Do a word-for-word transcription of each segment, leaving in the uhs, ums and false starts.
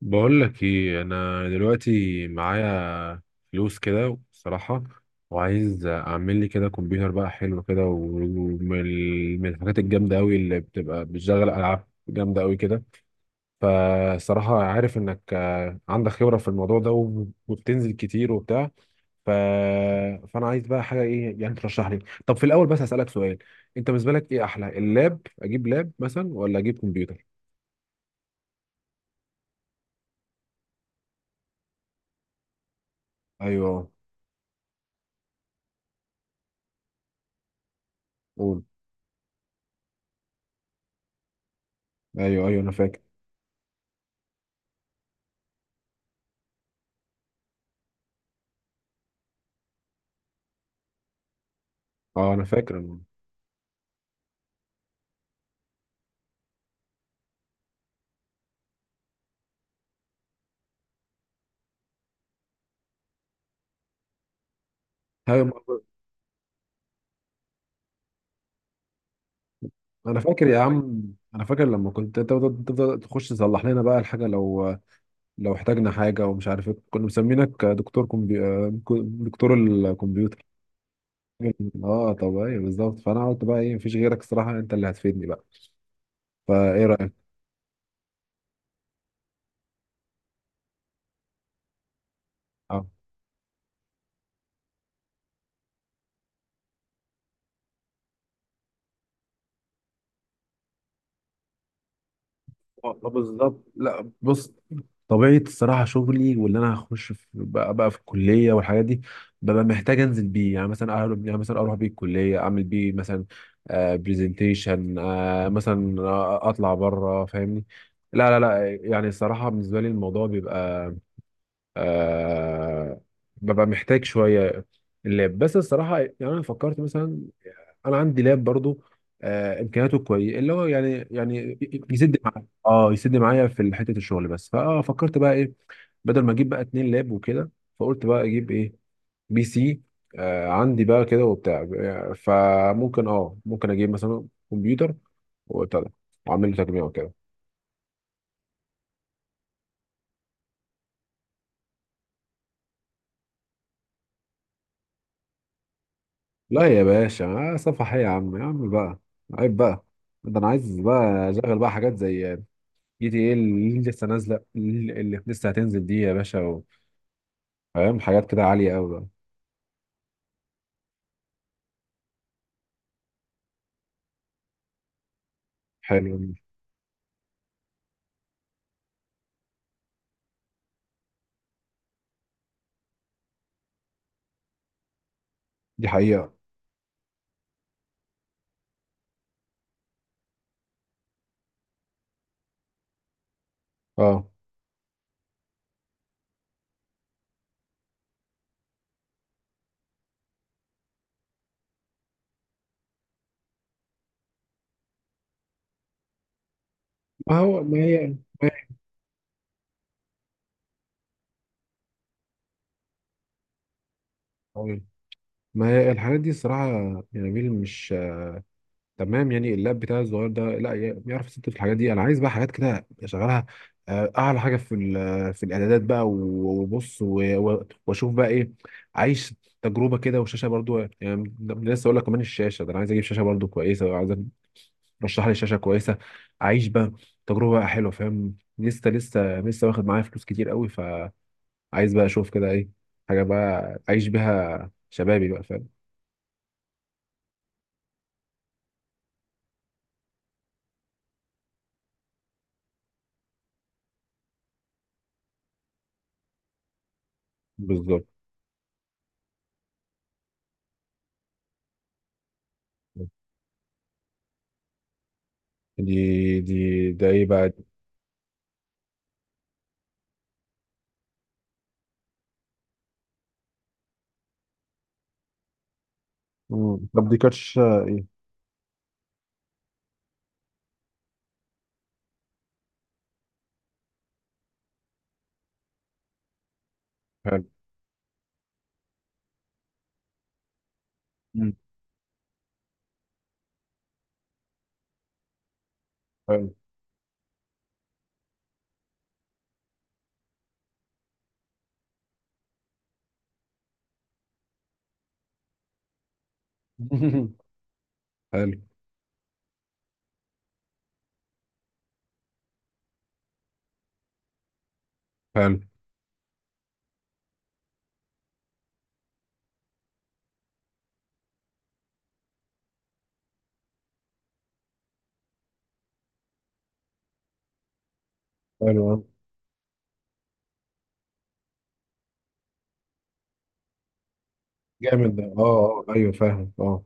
بقول لك ايه؟ انا دلوقتي معايا فلوس كده صراحة، وعايز اعمل لي كده كمبيوتر بقى حلو كده، ومن من الحاجات الجامدة قوي اللي بتبقى بتشغل العاب جامدة قوي كده. فصراحة عارف انك آه، عندك خبرة في الموضوع ده، وب- وبتنزل كتير وبتاع. ف... فانا عايز بقى حاجة ايه يعني ترشح لي. طب في الاول بس هسألك سؤال. انت بالنسبة لك ايه احلى؟ اللاب، اجيب لاب مثلا ولا اجيب كمبيوتر؟ ايوه. قول. ايوه، ايوه، انا فاكر. اه انا فاكر انا هاي- انا فاكر يا عم. انا فاكر لما كنت تفضل تفضل تخش تصلح لنا بقى الحاجه، لو لو احتاجنا حاجه ومش عارف ايه، كنا مسمينك دكتور كمبي... آه، دكتور الكمبيوتر. اه، طب، ايوه، بالظبط. فانا قلت بقى ايه؟ مفيش غيرك الصراحه، انت اللي هتفيدني بقى. فايه رايك؟ آه. والله بالظبط. لا بص، طبيعة الصراحة شغلي واللي أنا هخش في بقى, بقى في الكلية والحاجات دي، ببقى محتاج أنزل بيه. يعني مثلا أهرب، يعني مثلا أروح بيه الكلية، أعمل بيه مثلا آه برزنتيشن، آه مثلا، آه، أطلع بره. فاهمني؟ لا لا لا، يعني الصراحة بالنسبة لي الموضوع بيبقى آه ببقى محتاج شوية اللاب بس. الصراحة يعني أنا فكرت مثلا، انا عندي لاب برضو آه امكانياته كويسه، اللي هو يعني يعني يسد معايا. اه يسد معايا في حته الشغل بس، فاه فكرت بقى ايه؟ بدل ما اجيب بقى اتنين لاب وكده، فقلت بقى اجيب ايه؟ بي سي. آه عندي بقى كده وبتاع. فممكن اه ممكن اجيب مثلا كمبيوتر وبتاع ده، واعمل له تجميع وكده. لا يا باشا، آه صفحه ايه يا عم؟ يا عم بقى، عيب بقى. ده انا عايز بقى اشغل بقى حاجات زي جي تي ايه اللي لسه نازله، اللي اللي لسه هتنزل دي يا باشا. فاهم؟ حاجات كده عالية أوي بقى. حلو. دي حقيقة. اه، ما هو ما هي، ما هي ما هي الحاجات دي الصراحة يا نبيل، مش تمام. يعني اللاب بتاعي الصغير ده لا ي- بيعرف يست في الحاجات دي. أنا عايز بقى حاجات كده أشغلها آه، أعلى حاجة في ال- في الإعدادات بقى، و- وبص و- و- وأشوف بقى إيه عايش، تجربة كده. والشاشة برضو يعني ده- ده لسه أقول لك كمان، الشاشة ده أنا عايز أجيب شاشة برضو كويسة، وعايز رشح لي شاشه كويسه، اعيش بقى تجربه بقى حلوه. فاهم؟ لسه لسه لسه واخد معايا فلوس كتير قوي، فعايز بقى اشوف كده ايه حاجه بقى اعيش بيها شبابي بقى. فاهم؟ بالظبط. دي دي، ده ايه بقى دي؟ مم. طب دي كاتش آه، ايه؟ حلو. مم. حلو. حلو حلو حلو. آه. جامد ده. اه اه، ايوه، فاهم، اه.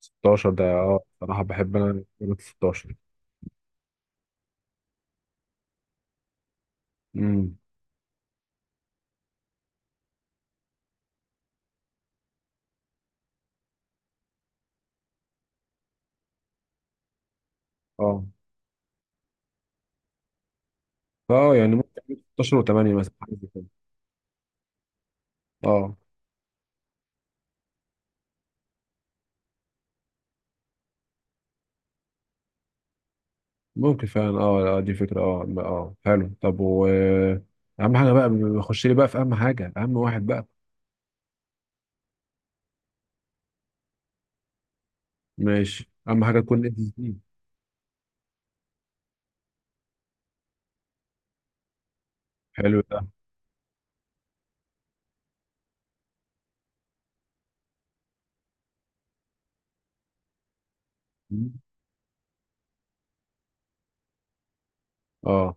ستاشر ده، اه صراحه بحب انا كلمة ستاشر. امم. اه اه، يعني ممكن ستاشر و8 مثلا، حاجه زي كده. اه، ممكن فعلا، اه، آه، دي فكرة. اه اه، حلو. طب، و اهم حاجة بقى، بخش لي بقى في اهم حاجة، اهم واحد بقى. ماشي، اهم حاجة تكون اس اس دي. حلو ده. مم. اه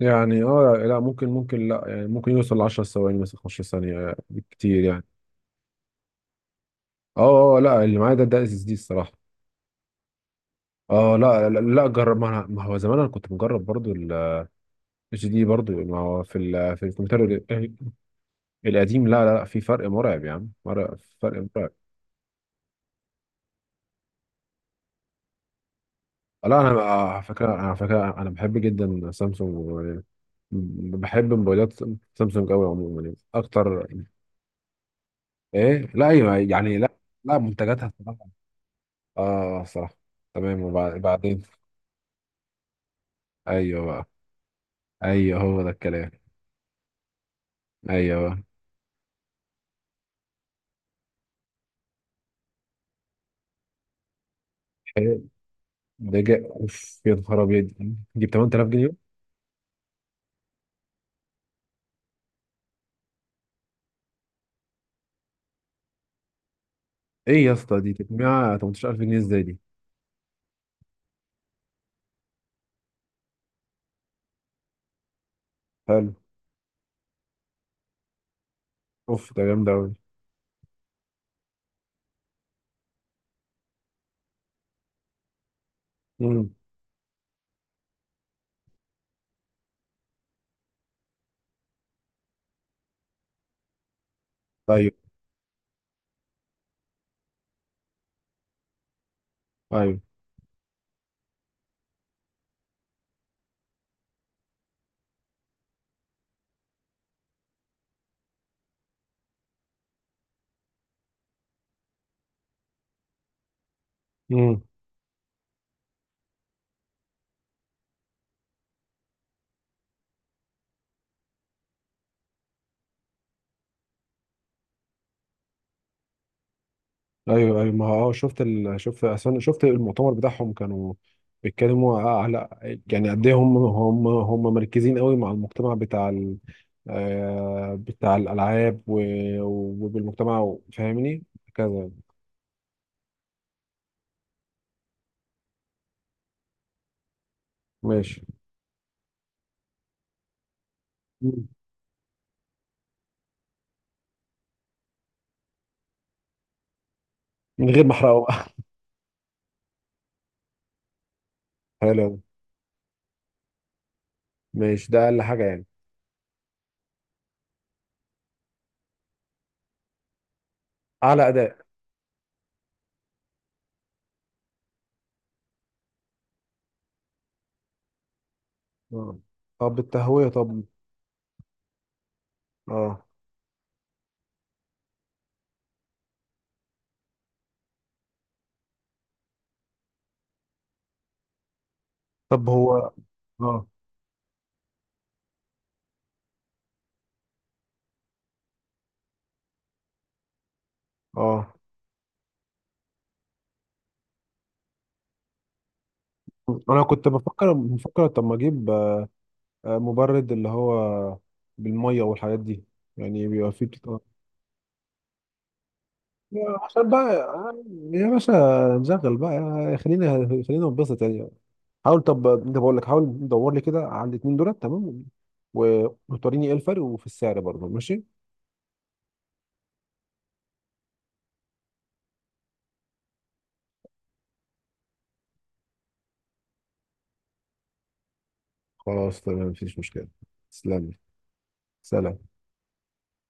يعني، اه لا ممكن ممكن لا يعني ممكن يوصل ل 10 ثواني مثلا، 15 ثانية كتير يعني. اه اه، آه، لا اللي معايا ده ده اس اس دي الصراحة. اه لا لا، لا. جرب ما, أنا- ما هو زمان انا كنت مجرب برضو ال اتش دي برضو. ما هو في ال في الكمبيوتر ال- القديم، لا لا لا، في فرق مرعب يا عم، مرعب، فرق مرعب. لا انا، آه، على فكره، أنا على فكره انا بحب جدا سامسونج، و- بحب موبايلات سامسونج قوي عموما يعني اكتر. ايه؟ لا، ايوه يعني، لا. لا، منتجاتها الصراحه. اه صراحه. تمام. وبعدين؟ ايوه بقى. ايوه، هو ده الكلام. ايوه. ده جاء اوف؟ يا نهار ابيض، دي ب تمن تلاف جنيه؟ ايه يا اسطى، دي تجميع تمنتاشر ألف جنيه ازاي دي؟ حلو. اوف، ده جامد قوي. امم. ايوه ايوه. امم. ايوه ايوه، ما هو اه، شفت ال... شفت أصلاً شفت المؤتمر بتاعهم، كانوا بيتكلموا آه، على، يعني، قد ايه هم هم هم مركزين قوي مع المجتمع بتاع ال... آه، بتاع الالعاب و... وبالمجتمع. فاهمني؟ كذا. ماشي. مم. من غير ما احرقه بقى. حلو أوي. ماشي، ده اقل حاجه يعني. اعلى اداء. اه، طب التهويه؟ طب، اه، طب هو، اه اه، انا كنت بفكر بفكر طب ما اجيب آه، مبرد، اللي هو بالمية والحاجات دي، يعني بيبقى فيه بتاع. عشان بقى آه، يا باشا نشغل بقى، خلينا خلينا ننبسط يعني. حاول طب، ده بقول لك حاول دور لي كده على الاثنين دولت، تمام؟ و- وتوريني ايه الفرق وفي السعر برضه، ماشي. خلاص، تمام، مفيش مشكلة. تسلم لي. سلام.